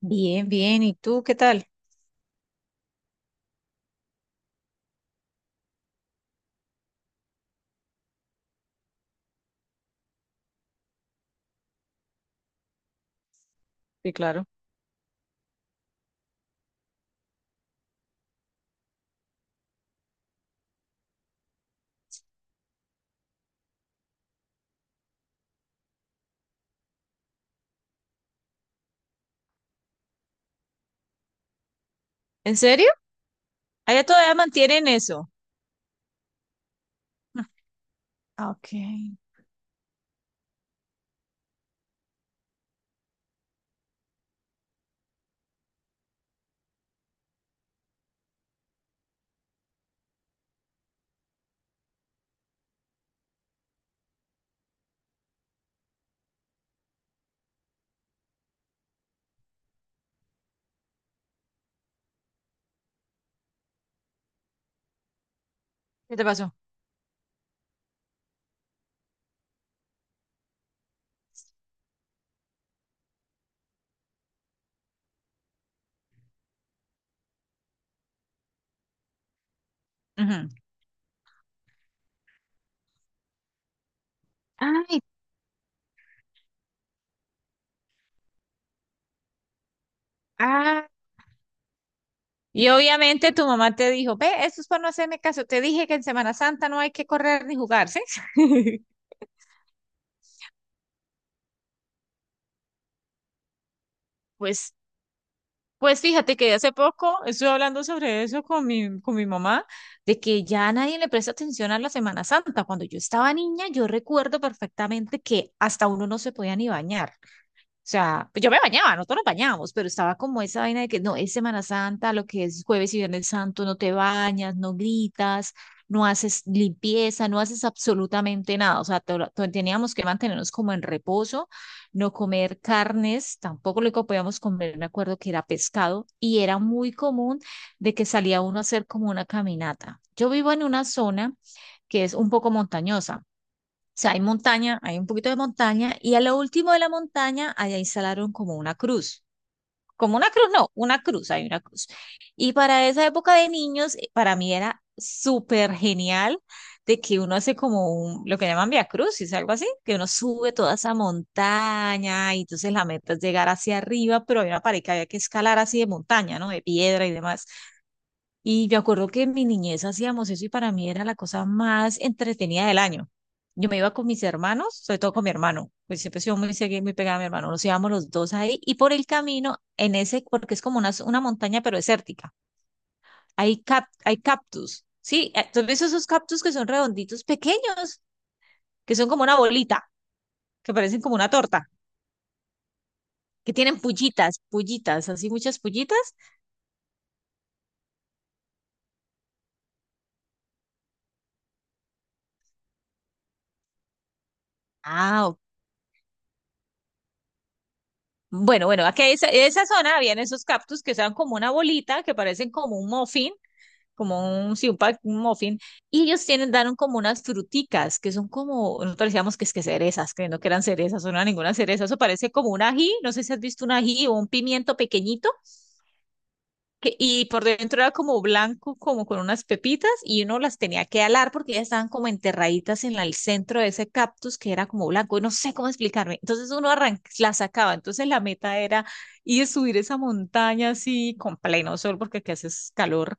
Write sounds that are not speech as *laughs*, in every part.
Bien, bien. ¿Y tú qué tal? Sí, claro. ¿En serio? Allá todavía mantienen eso. *laughs* Ah, ok. ¿Qué te pasó? Ujú. Ay, ah, y obviamente tu mamá te dijo: "Ve, esto es para no hacerme caso. Te dije que en Semana Santa no hay que correr ni jugar, ¿sí?" *laughs* Pues, pues fíjate que hace poco estuve hablando sobre eso con mi mamá, de que ya nadie le presta atención a la Semana Santa. Cuando yo estaba niña, yo recuerdo perfectamente que hasta uno no se podía ni bañar. O sea, pues yo me bañaba, nosotros nos bañábamos, pero estaba como esa vaina de que no, es Semana Santa, lo que es jueves y viernes santo, no te bañas, no gritas, no haces limpieza, no haces absolutamente nada. O sea, teníamos que mantenernos como en reposo, no comer carnes, tampoco lo que podíamos comer, me acuerdo que era pescado, y era muy común de que salía uno a hacer como una caminata. Yo vivo en una zona que es un poco montañosa. O sea, hay montaña, hay un poquito de montaña y a lo último de la montaña allá instalaron como una cruz. Como una cruz, no, una cruz, hay una cruz. Y para esa época de niños, para mí era súper genial de que uno hace como un, lo que llaman vía crucis, algo así, que uno sube toda esa montaña y entonces la meta es llegar hacia arriba, pero había una pared que había que escalar así de montaña, ¿no? De piedra y demás. Y me acuerdo que en mi niñez hacíamos eso y para mí era la cosa más entretenida del año. Yo me iba con mis hermanos, sobre todo con mi hermano, pues siempre he sido muy seguida, muy pegada a mi hermano. Nos íbamos los dos ahí y por el camino, en ese, porque es como una montaña pero desértica, hay, hay cactus, ¿sí? Entonces ves esos cactus que son redonditos pequeños, que son como una bolita, que parecen como una torta, que tienen pullitas, pullitas, así muchas pullitas. Ah, ok. Bueno, aquí en esa zona habían esos cactus que son como una bolita, que parecen como un muffin, como un, sí, un, un muffin, y ellos tienen, dan como unas fruticas, que son como, nosotros decíamos que es que cerezas, creyendo que eran cerezas, o no eran ninguna cereza, eso parece como un ají, no sé si has visto un ají o un pimiento pequeñito, y por dentro era como blanco, como con unas pepitas, y uno las tenía que alar porque ya estaban como enterraditas en el centro de ese cactus que era como blanco, y no sé cómo explicarme. Entonces uno la sacaba, entonces la meta era ir a subir esa montaña así con pleno sol porque aquí hace calor,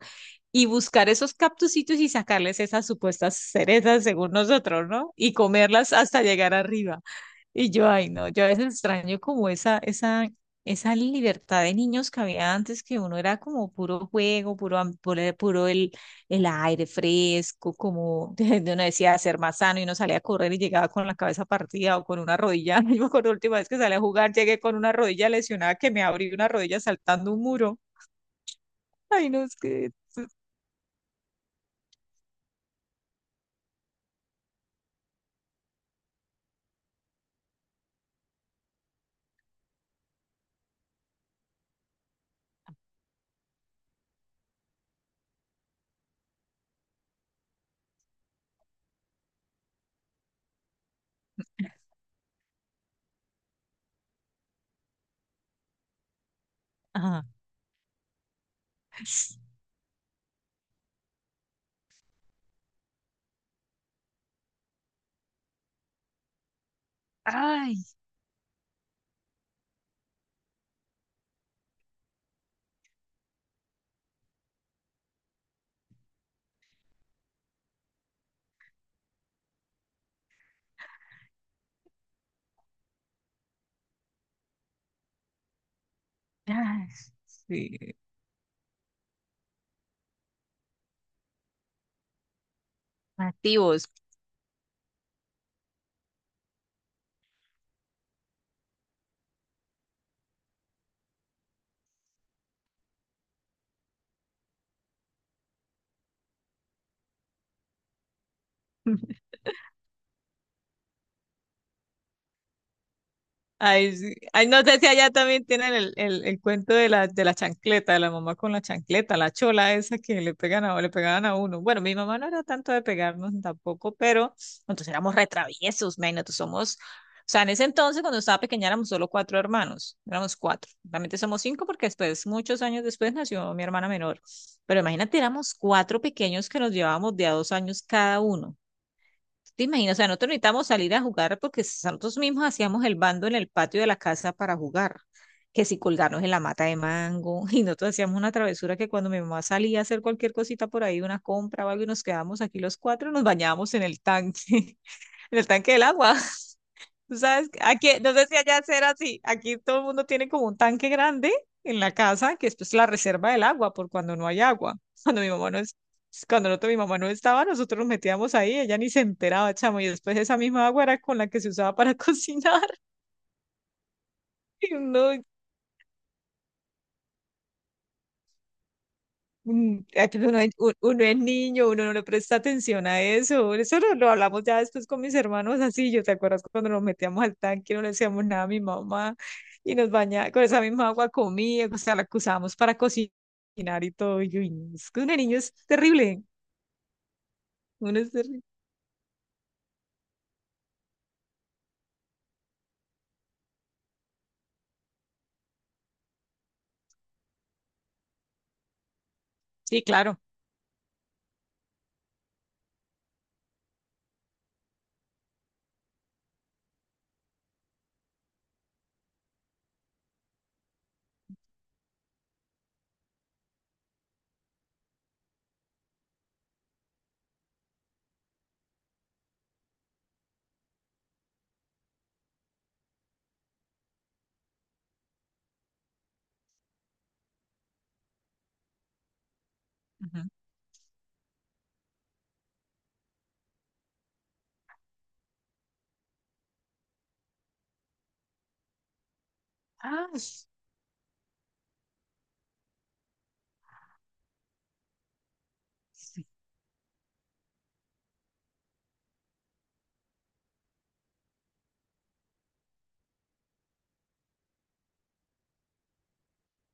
y buscar esos cactusitos y sacarles esas supuestas cerezas según nosotros, ¿no? Y comerlas hasta llegar arriba. Y yo, ay, no, yo a veces extraño como esa libertad de niños que había antes, que uno era como puro juego, puro, puro, puro el aire fresco, como *laughs* uno decía ser más sano y uno salía a correr y llegaba con la cabeza partida o con una rodilla. *laughs* Yo me acuerdo la última vez que salí a jugar, llegué con una rodilla lesionada que me abrí una rodilla saltando un muro. Ay, no, es que... Ajá. Ay, ay, sí. Activos. *laughs* Ay, sí. Ay, no sé si allá también tienen el cuento de la chancleta, de la mamá con la chancleta, la chola esa que le pegan a, le pegaban a uno. Bueno, mi mamá no era tanto de pegarnos tampoco, pero nosotros éramos retraviesos, man, nosotros somos, o sea, en ese entonces cuando estaba pequeña éramos solo cuatro hermanos, éramos cuatro, realmente somos cinco porque después, muchos años después nació mi hermana menor, pero imagínate, éramos cuatro pequeños que nos llevábamos de a dos años cada uno. Te imaginas, o sea, nosotros necesitamos salir a jugar porque nosotros mismos hacíamos el bando en el patio de la casa para jugar. Que si colgarnos en la mata de mango, *laughs* y nosotros hacíamos una travesura que cuando mi mamá salía a hacer cualquier cosita por ahí, una compra o algo, y nos quedábamos aquí los cuatro, nos bañábamos en el tanque, *laughs* en el tanque del agua. Tú sabes, que aquí, no sé si allá será así, aquí todo el mundo tiene como un tanque grande en la casa, que es pues la reserva del agua, por cuando no hay agua. *laughs* Cuando mi mamá no es, cuando mi mamá no estaba, nosotros nos metíamos ahí, ella ni se enteraba, chamo, y después esa misma agua era con la que se usaba para *laughs* cocinar. Y no, mm, ah, pero uno, es uno es niño, uno no le presta atención a eso. Eso lo hablamos ya después con mis hermanos así. Yo, ¿te acuerdas cuando nos metíamos al tanque, no le decíamos nada a mi mamá y nos bañaba con esa misma agua comía, o sea, la que usábamos para cocinar y todo. Y yo, "Uy, no, es que uno de niño es terrible. Uno es terrible." Sí, claro. Ujú. Ah, sí.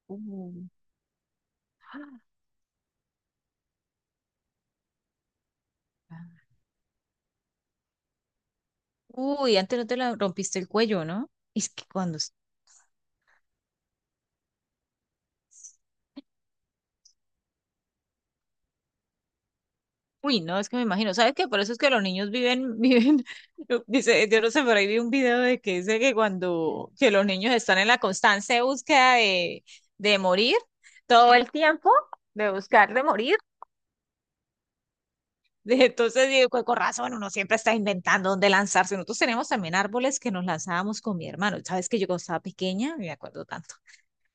Uh, *gasps* ah, ah. Uy, antes no te la rompiste el cuello, ¿no? Es que cuando... Uy, no, es que me imagino, ¿sabes qué? Por eso es que los niños *laughs* dice, yo no sé, por ahí vi un video de que dice que cuando, que los niños están en la constante búsqueda de morir, todo el tiempo, de buscar de morir, *laughs* entonces digo, con razón, uno siempre está inventando dónde lanzarse, nosotros tenemos también árboles que nos lanzábamos con mi hermano, ¿sabes que yo cuando estaba pequeña, me acuerdo tanto,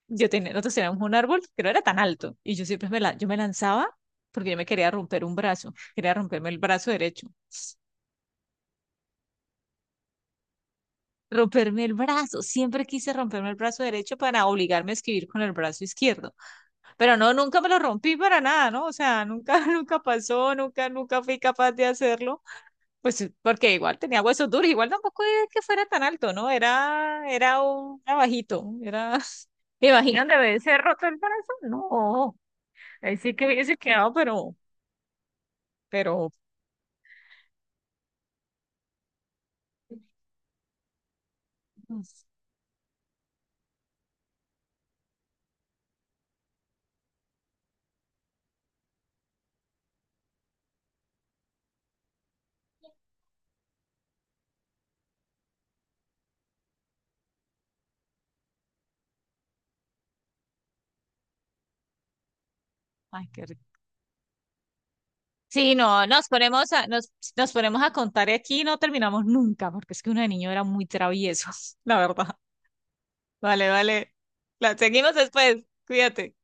yo tenía, nosotros teníamos un árbol que no era tan alto, y yo siempre yo me lanzaba porque yo me quería romper un brazo, quería romperme el brazo derecho, romperme el brazo. Siempre quise romperme el brazo derecho para obligarme a escribir con el brazo izquierdo. Pero no, nunca me lo rompí para nada, ¿no? O sea, nunca, *laughs* nunca pasó, nunca, nunca fui capaz de hacerlo. Pues porque igual tenía huesos duros, igual tampoco era que fuera tan alto, ¿no? Era bajito, era... *laughs* ¿Me imaginan de haberse roto el brazo? No. Ahí sí que hubiese quedado, pero, pues, ay, qué... Sí, no, nos ponemos a contar aquí y no terminamos nunca, porque es que uno de niño era muy travieso, *laughs* la verdad. Vale, vale. La seguimos después. Cuídate.